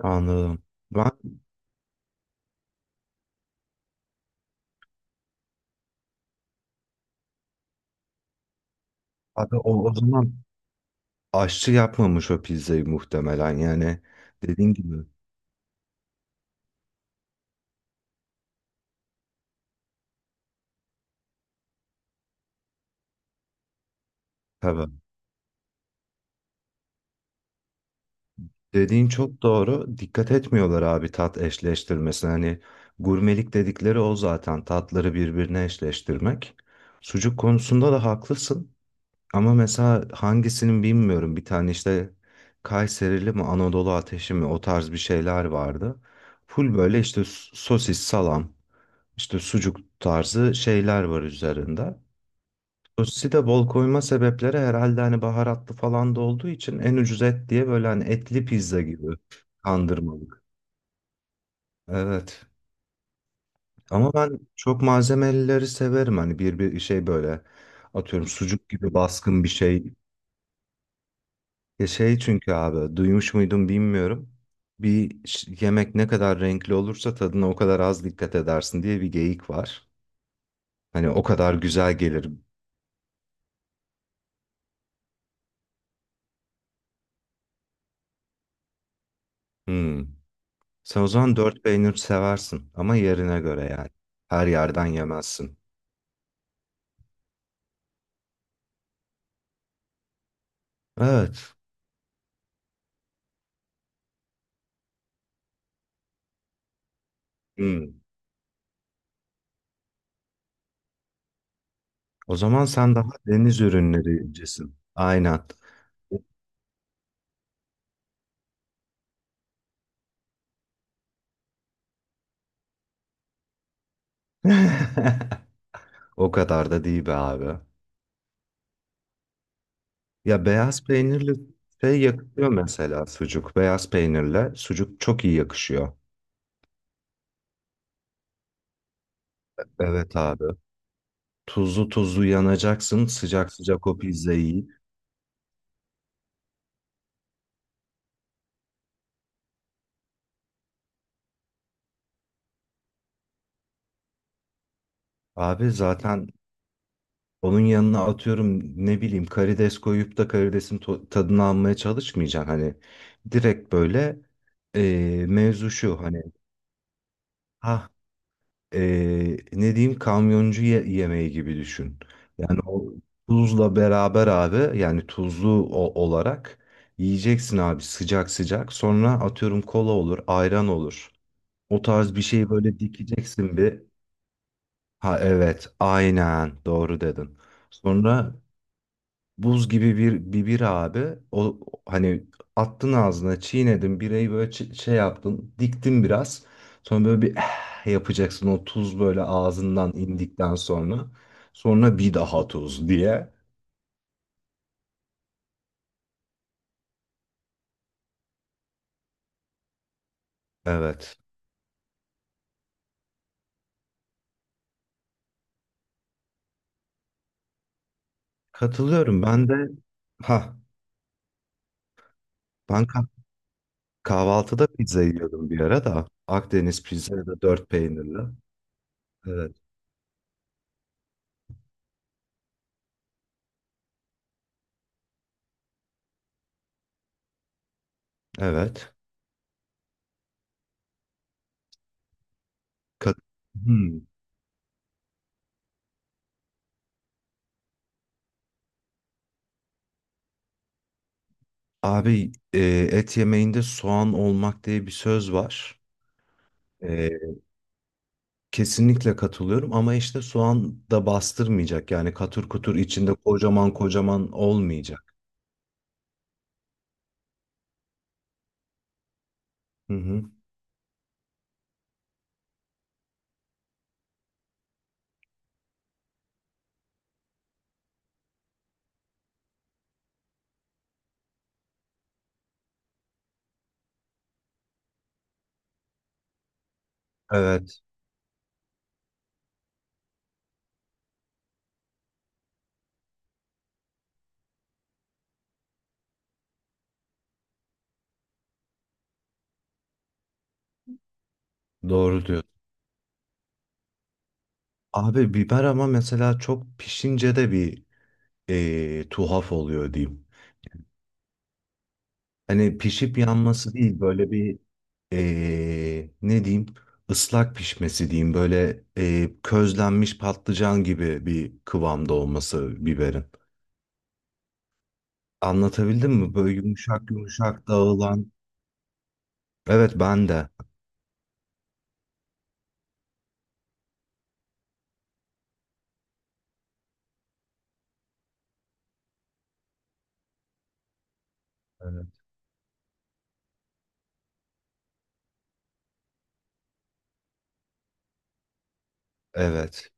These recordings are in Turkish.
Anladım. Ben abi o zaman aşçı yapmamış o pizzayı muhtemelen yani dediğin gibi. Tabii. Dediğin çok doğru. Dikkat etmiyorlar abi tat eşleştirmesine. Hani gurmelik dedikleri o zaten tatları birbirine eşleştirmek. Sucuk konusunda da haklısın. Ama mesela hangisinin bilmiyorum. Bir tane işte Kayserili mi Anadolu ateşi mi o tarz bir şeyler vardı. Full böyle işte sosis, salam. İşte sucuk tarzı şeyler var üzerinde. Sosisi de bol koyma sebepleri herhalde hani baharatlı falan da olduğu için en ucuz et diye böyle hani etli pizza gibi kandırmalık. Evet. Ama ben çok malzemelileri severim. Hani bir şey böyle atıyorum sucuk gibi baskın bir şey. Ya şey çünkü abi duymuş muydum bilmiyorum. Yemek ne kadar renkli olursa tadına o kadar az dikkat edersin diye bir geyik var. Hani o kadar güzel gelir. Hmm. Sen o zaman dört peynir seversin ama yerine göre yani. Her yerden yemezsin. Evet. Hmm. O zaman sen daha deniz ürünlerincisin. Aynen. O kadar da değil be abi. Ya beyaz peynirli şey yakışıyor mesela sucuk. Beyaz peynirle sucuk çok iyi yakışıyor. Evet abi. Tuzlu tuzlu yanacaksın. Sıcak sıcak o pizzayı yiyip. Abi zaten onun yanına atıyorum ne bileyim karides koyup da karidesin tadını almaya çalışmayacaksın. Hani direkt böyle mevzu şu hani ha ne diyeyim kamyoncu yemeği gibi düşün. Yani o tuzla beraber abi yani tuzlu olarak yiyeceksin abi sıcak sıcak. Sonra atıyorum kola olur, ayran olur. O tarz bir şey böyle dikeceksin bir. Ha evet aynen doğru dedin. Sonra buz gibi bir abi. O hani attın ağzına, çiğnedin birayı böyle şey yaptın, diktin biraz. Sonra böyle bir "Eh" yapacaksın o tuz böyle ağzından indikten sonra. Sonra bir daha tuz diye. Evet. Katılıyorum. Ben de ha ben kah- kahvaltıda pizza yiyordum bir ara da. Akdeniz pizza ya da dört peynirli. Evet. Evet. Kat- Hmm. Abi et yemeğinde soğan olmak diye bir söz var. E, Kesinlikle katılıyorum ama işte soğan da bastırmayacak. Yani katır kutur içinde kocaman kocaman olmayacak. Hı hı. Evet, doğru diyor. Abi biber ama mesela çok pişince de bir tuhaf oluyor diyeyim. Hani pişip yanması değil böyle bir ne diyeyim ıslak pişmesi diyeyim. Böyle közlenmiş patlıcan gibi bir kıvamda olması biberin. Anlatabildim mi? Böyle yumuşak yumuşak dağılan. Evet ben de. Evet. Evet.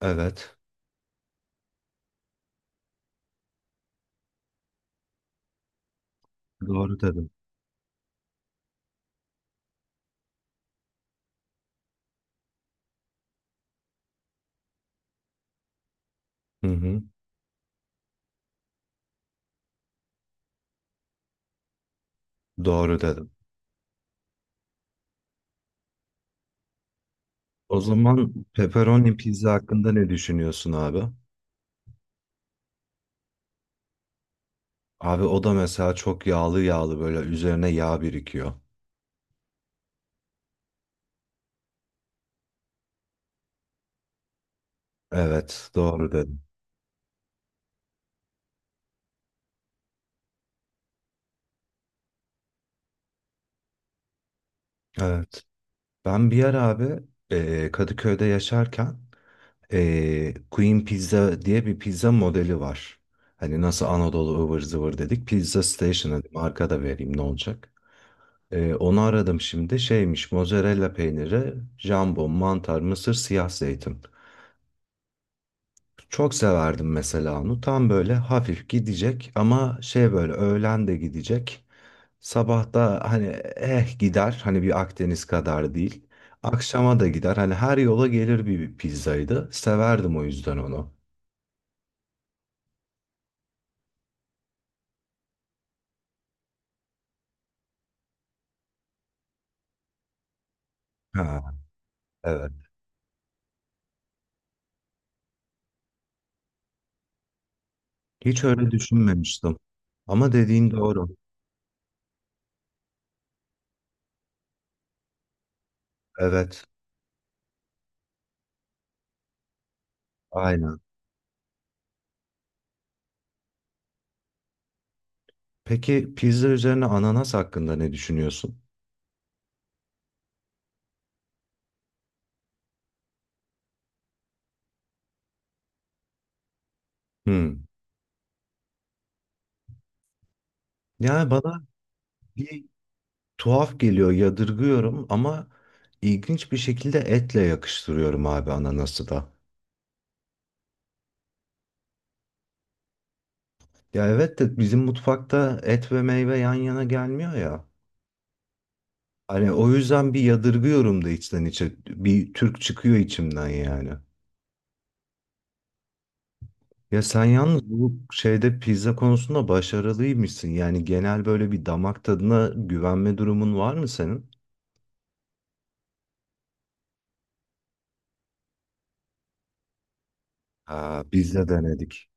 Evet. Doğru dedim. Hı hı. Doğru dedim. O zaman pepperoni pizza hakkında ne düşünüyorsun abi? Abi o da mesela çok yağlı yağlı böyle üzerine yağ birikiyor. Evet, doğru dedim. Evet. Ben bir yer abi Kadıköy'de yaşarken Queen Pizza diye bir pizza modeli var. Hani nasıl Anadolu ıvır zıvır dedik. Pizza Station hadi marka da vereyim ne olacak. Onu aradım şimdi. Şeymiş mozzarella peyniri, jambon, mantar, mısır, siyah zeytin. Çok severdim mesela onu. Tam böyle hafif gidecek ama şey böyle öğlen de gidecek. Sabah da hani eh gider. Hani bir Akdeniz kadar değil. Akşama da gider. Hani her yola gelir bir pizzaydı. Severdim o yüzden onu. Ha, evet. Hiç öyle düşünmemiştim. Ama dediğin doğru. Evet, aynen. Peki pizza üzerine ananas hakkında ne düşünüyorsun? Hmm. Yani bana bir tuhaf geliyor, yadırgıyorum ama ilginç bir şekilde etle yakıştırıyorum abi ananası da. Ya evet de bizim mutfakta et ve meyve yan yana gelmiyor ya. Hani o yüzden bir yadırgıyorum da içten içe. Bir Türk çıkıyor içimden yani. Ya sen yalnız bu şeyde pizza konusunda başarılıymışsın. Yani genel böyle bir damak tadına güvenme durumun var mı senin? Ha, biz de denedik.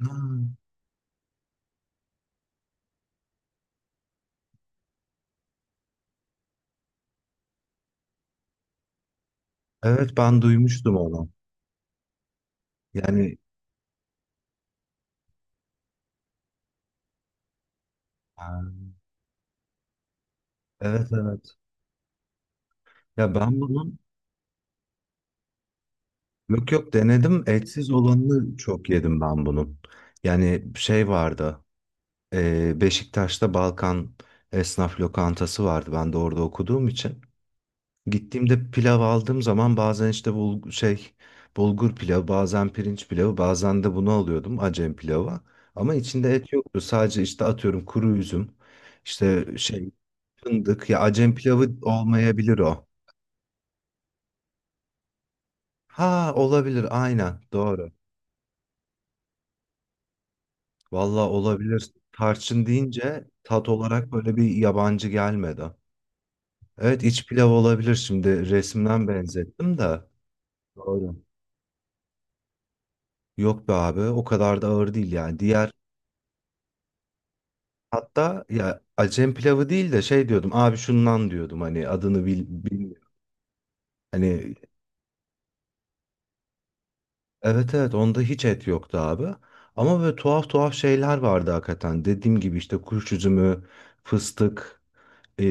Ha, evet ben duymuştum onu. Yani ha, evet evet. Ya ben bunun yok yok denedim. Etsiz olanını çok yedim ben bunun. Yani şey vardı. Beşiktaş'ta Balkan Esnaf Lokantası vardı. Ben de orada okuduğum için. Gittiğimde pilav aldığım zaman bazen işte bulgur pilavı, bazen pirinç pilavı, bazen de bunu alıyordum Acem pilavı. Ama içinde et yoktu. Sadece işte atıyorum kuru üzüm, işte şey fındık ya Acem pilavı olmayabilir o. Ha olabilir aynen doğru. Valla olabilir. Tarçın deyince tat olarak böyle bir yabancı gelmedi. Evet iç pilav olabilir şimdi resimden benzettim de. Doğru. Yok be abi o kadar da ağır değil yani. Diğer hatta ya Acem pilavı değil de şey diyordum abi şundan diyordum hani adını bilmiyorum. Hani evet evet onda hiç et yoktu abi. Ama böyle tuhaf tuhaf şeyler vardı hakikaten. Dediğim gibi işte kuş üzümü, fıstık, e,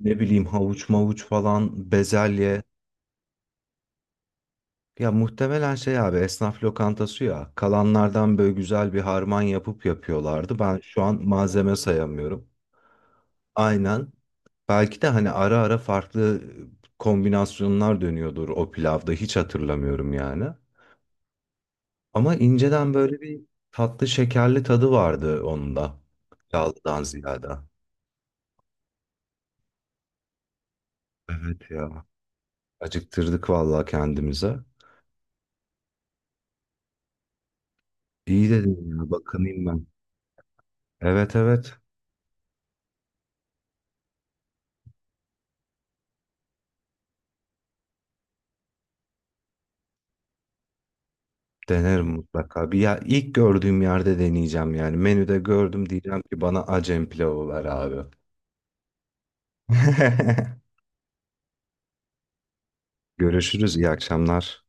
ne bileyim havuç mavuç falan, bezelye. Ya muhtemelen şey abi esnaf lokantası ya. Kalanlardan böyle güzel bir harman yapıp yapıyorlardı. Ben şu an malzeme sayamıyorum. Aynen. Belki de hani ara ara farklı kombinasyonlar dönüyordur o pilavda hiç hatırlamıyorum yani. Ama inceden böyle bir tatlı şekerli tadı vardı onun da. Yağlıdan ziyade. Evet ya. Acıktırdık vallahi kendimize. İyi dedin ya bakınayım ben. Evet evet denerim mutlaka. Bir ya ilk gördüğüm yerde deneyeceğim yani. Menüde gördüm diyeceğim ki bana Acem pilavı ver abi. Görüşürüz iyi akşamlar.